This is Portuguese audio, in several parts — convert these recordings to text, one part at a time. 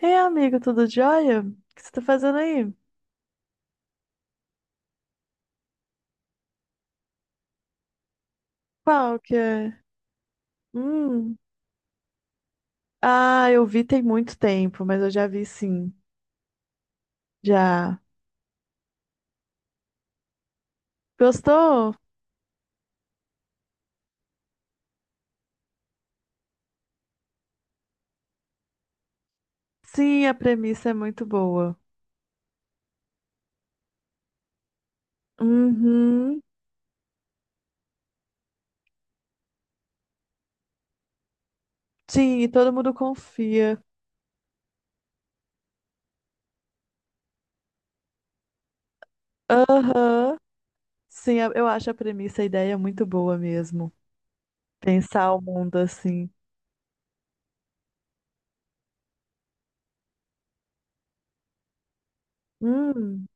É, amigo, tudo jóia? O que você tá fazendo aí? Qual que é? Hum. Ah, eu vi tem muito tempo, mas eu já vi sim. Já. Gostou? Sim, a premissa é muito boa. Uhum. Sim, e todo mundo confia. Aham. Sim, eu acho a premissa, a ideia muito boa mesmo. Pensar o mundo assim. Hum.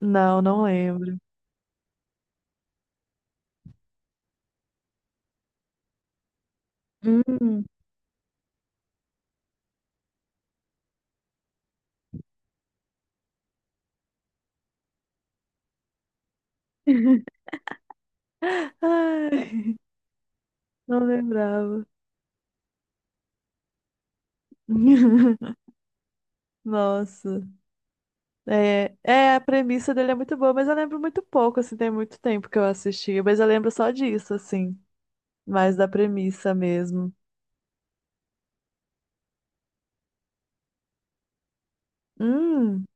Não, não lembro. Hum. Ai, não lembrava. Nossa. É, a premissa dele é muito boa, mas eu lembro muito pouco, assim, tem muito tempo que eu assisti, mas eu lembro só disso, assim, mais da premissa mesmo. Hum,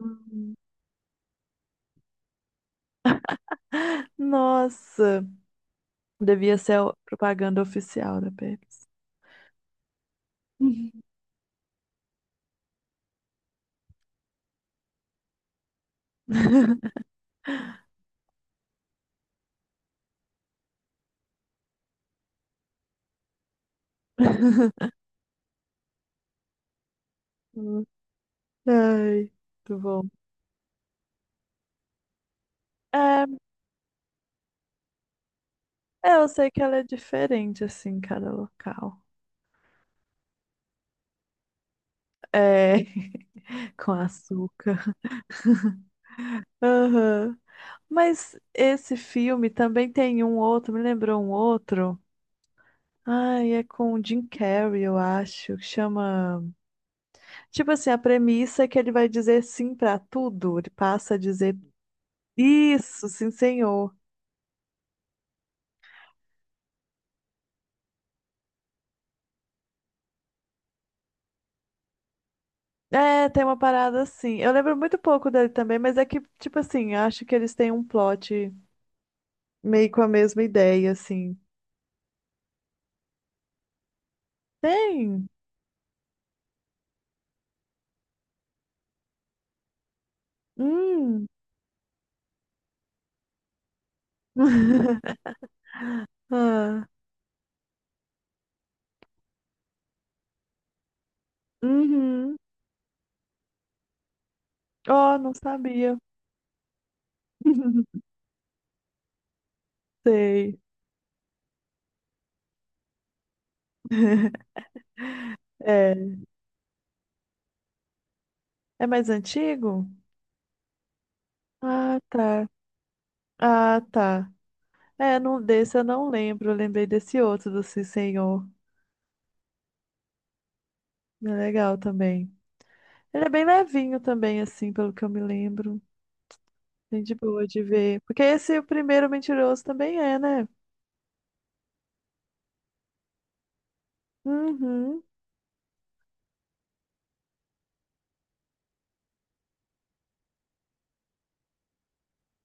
Hum. Nossa, devia ser a propaganda oficial da Pepsi. Hum. Ai, muito bom. É, é, eu sei que ela é diferente, assim, em cada local. É, com açúcar. Aham. Mas esse filme também tem um outro, me lembrou um outro. Ai, é com o Jim Carrey, eu acho, que chama. Tipo assim, a premissa é que ele vai dizer sim pra tudo, ele passa a dizer isso, sim, senhor. É, tem uma parada assim. Eu lembro muito pouco dele também, mas é que, tipo assim, acho que eles têm um plot meio com a mesma ideia, assim. Tem? Hum. Ah, uhum. Oh, não sabia. Sei. É. É mais antigo? Ah, tá. Ah, tá. É, não desse eu não lembro. Eu lembrei desse outro do Sim Senhor. É legal também. Ele é bem levinho também, assim, pelo que eu me lembro. Bem de boa de ver. Porque esse o primeiro mentiroso também é, né? Uhum.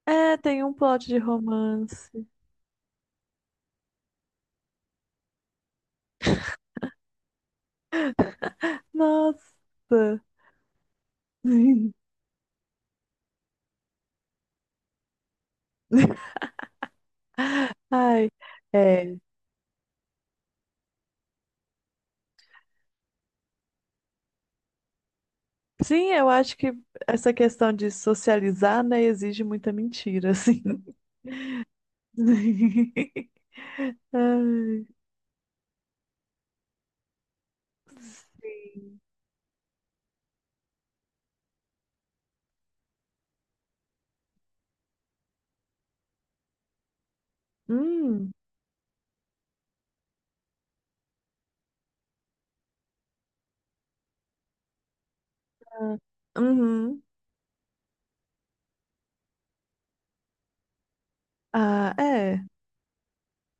É, tem um plot de romance. Nossa. Ai. É. Sim, eu acho que essa questão de socializar, né, exige muita mentira, assim. Ai. Hum. Ah. Uhum. Ah, é.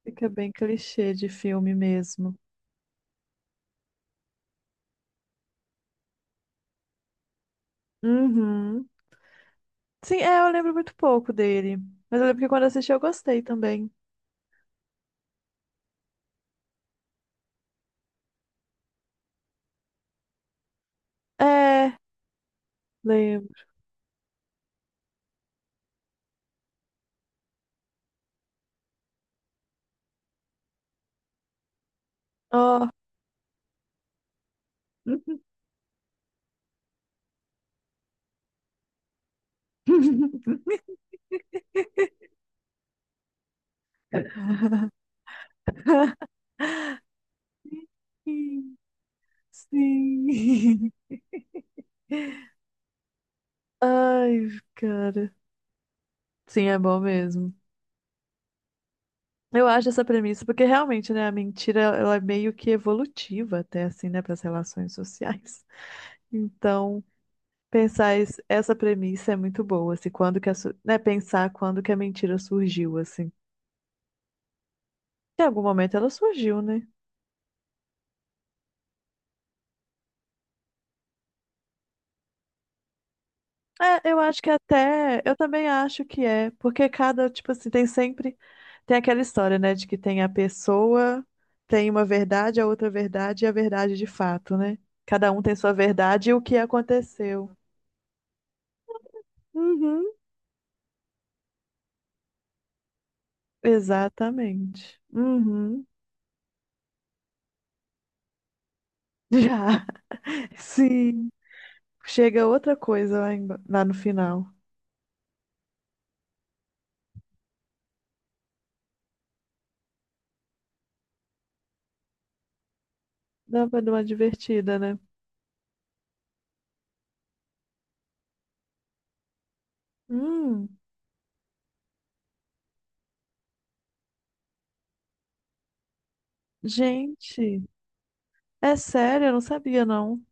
Fica bem clichê de filme mesmo. Uhum. Sim, é, eu lembro muito pouco dele. Mas eu lembro que quando eu assisti eu gostei também. É, lembro. Ó. Sim. Sim. Ai, cara. Sim, é bom mesmo. Eu acho essa premissa, porque realmente, né, a mentira, ela é meio que evolutiva até, assim, né, para as relações sociais. Então, pensar isso, essa premissa é muito boa, assim, quando que a, su- né, pensar quando que a mentira surgiu, assim. Em algum momento ela surgiu, né? É, eu acho que até, eu também acho que é, porque cada, tipo assim, tem sempre, tem aquela história, né, de que tem a pessoa, tem uma verdade, a outra verdade e a verdade de fato, né? Cada um tem sua verdade e o que aconteceu. Uhum, exatamente. Uhum, já. Sim, chega outra coisa lá, em- lá no final. Dava de uma divertida, né? Hum, gente, é sério, eu não sabia, não.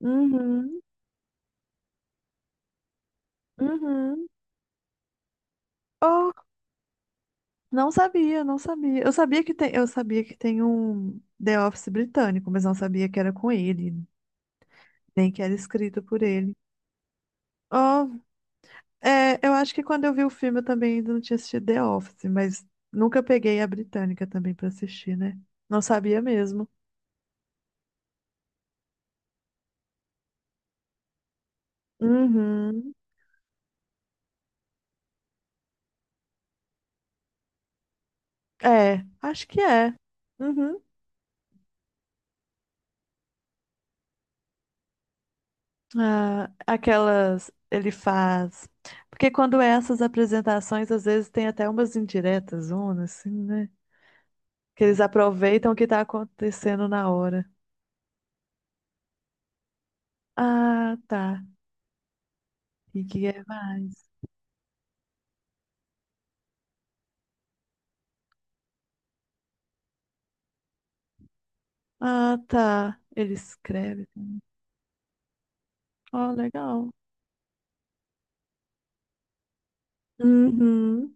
Uhum, uhum. Oh, não sabia, não sabia. Eu sabia que tem, eu sabia que tem um The Office britânico, mas não sabia que era com ele, nem que era escrito por ele. Oh, é, eu acho que quando eu vi o filme eu também ainda não tinha assistido The Office, mas nunca peguei a britânica também pra assistir, né? Não sabia mesmo. Uhum. É, acho que é. Uhum. Ah, aquelas ele faz. Porque quando é essas apresentações, às vezes tem até umas indiretas, uma assim, né? Que eles aproveitam o que tá acontecendo na hora. Ah, tá. E que é mais? Ah, tá. Ele escreve. Ó, legal. Uhum.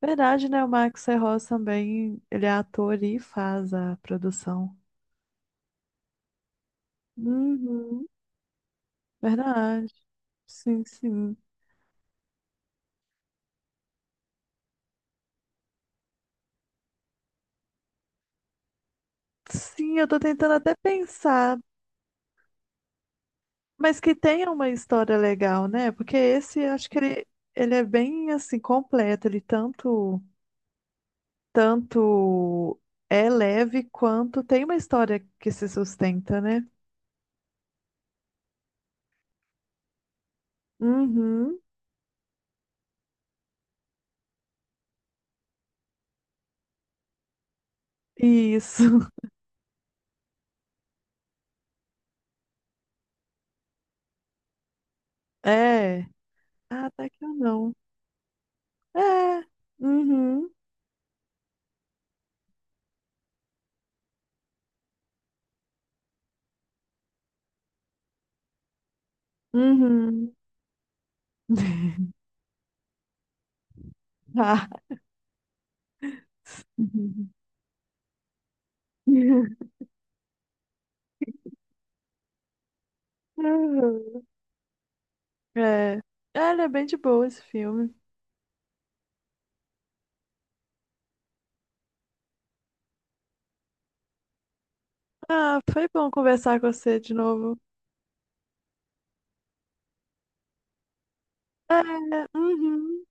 Verdade, né? O Marcos Serroz também, ele é ator e faz a produção. Uhum. Verdade. Sim, sim. Sim, eu tô tentando até pensar. Mas que tenha uma história legal, né? Porque esse, acho que ele é bem assim completo. Ele tanto é leve quanto tem uma história que se sustenta, né? Uhum. Isso. É. Ah, até que eu não. É. Uhum. Uhum. Ah. É. É, ele é bem de boa esse filme. Ah, foi bom conversar com você de novo. É. Uhum.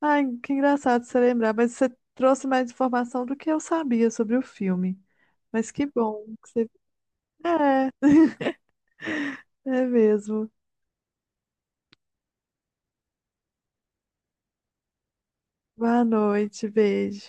Ai, que engraçado você lembrar, mas você trouxe mais informação do que eu sabia sobre o filme. Mas que bom que você. É, é mesmo. Boa noite, beijo.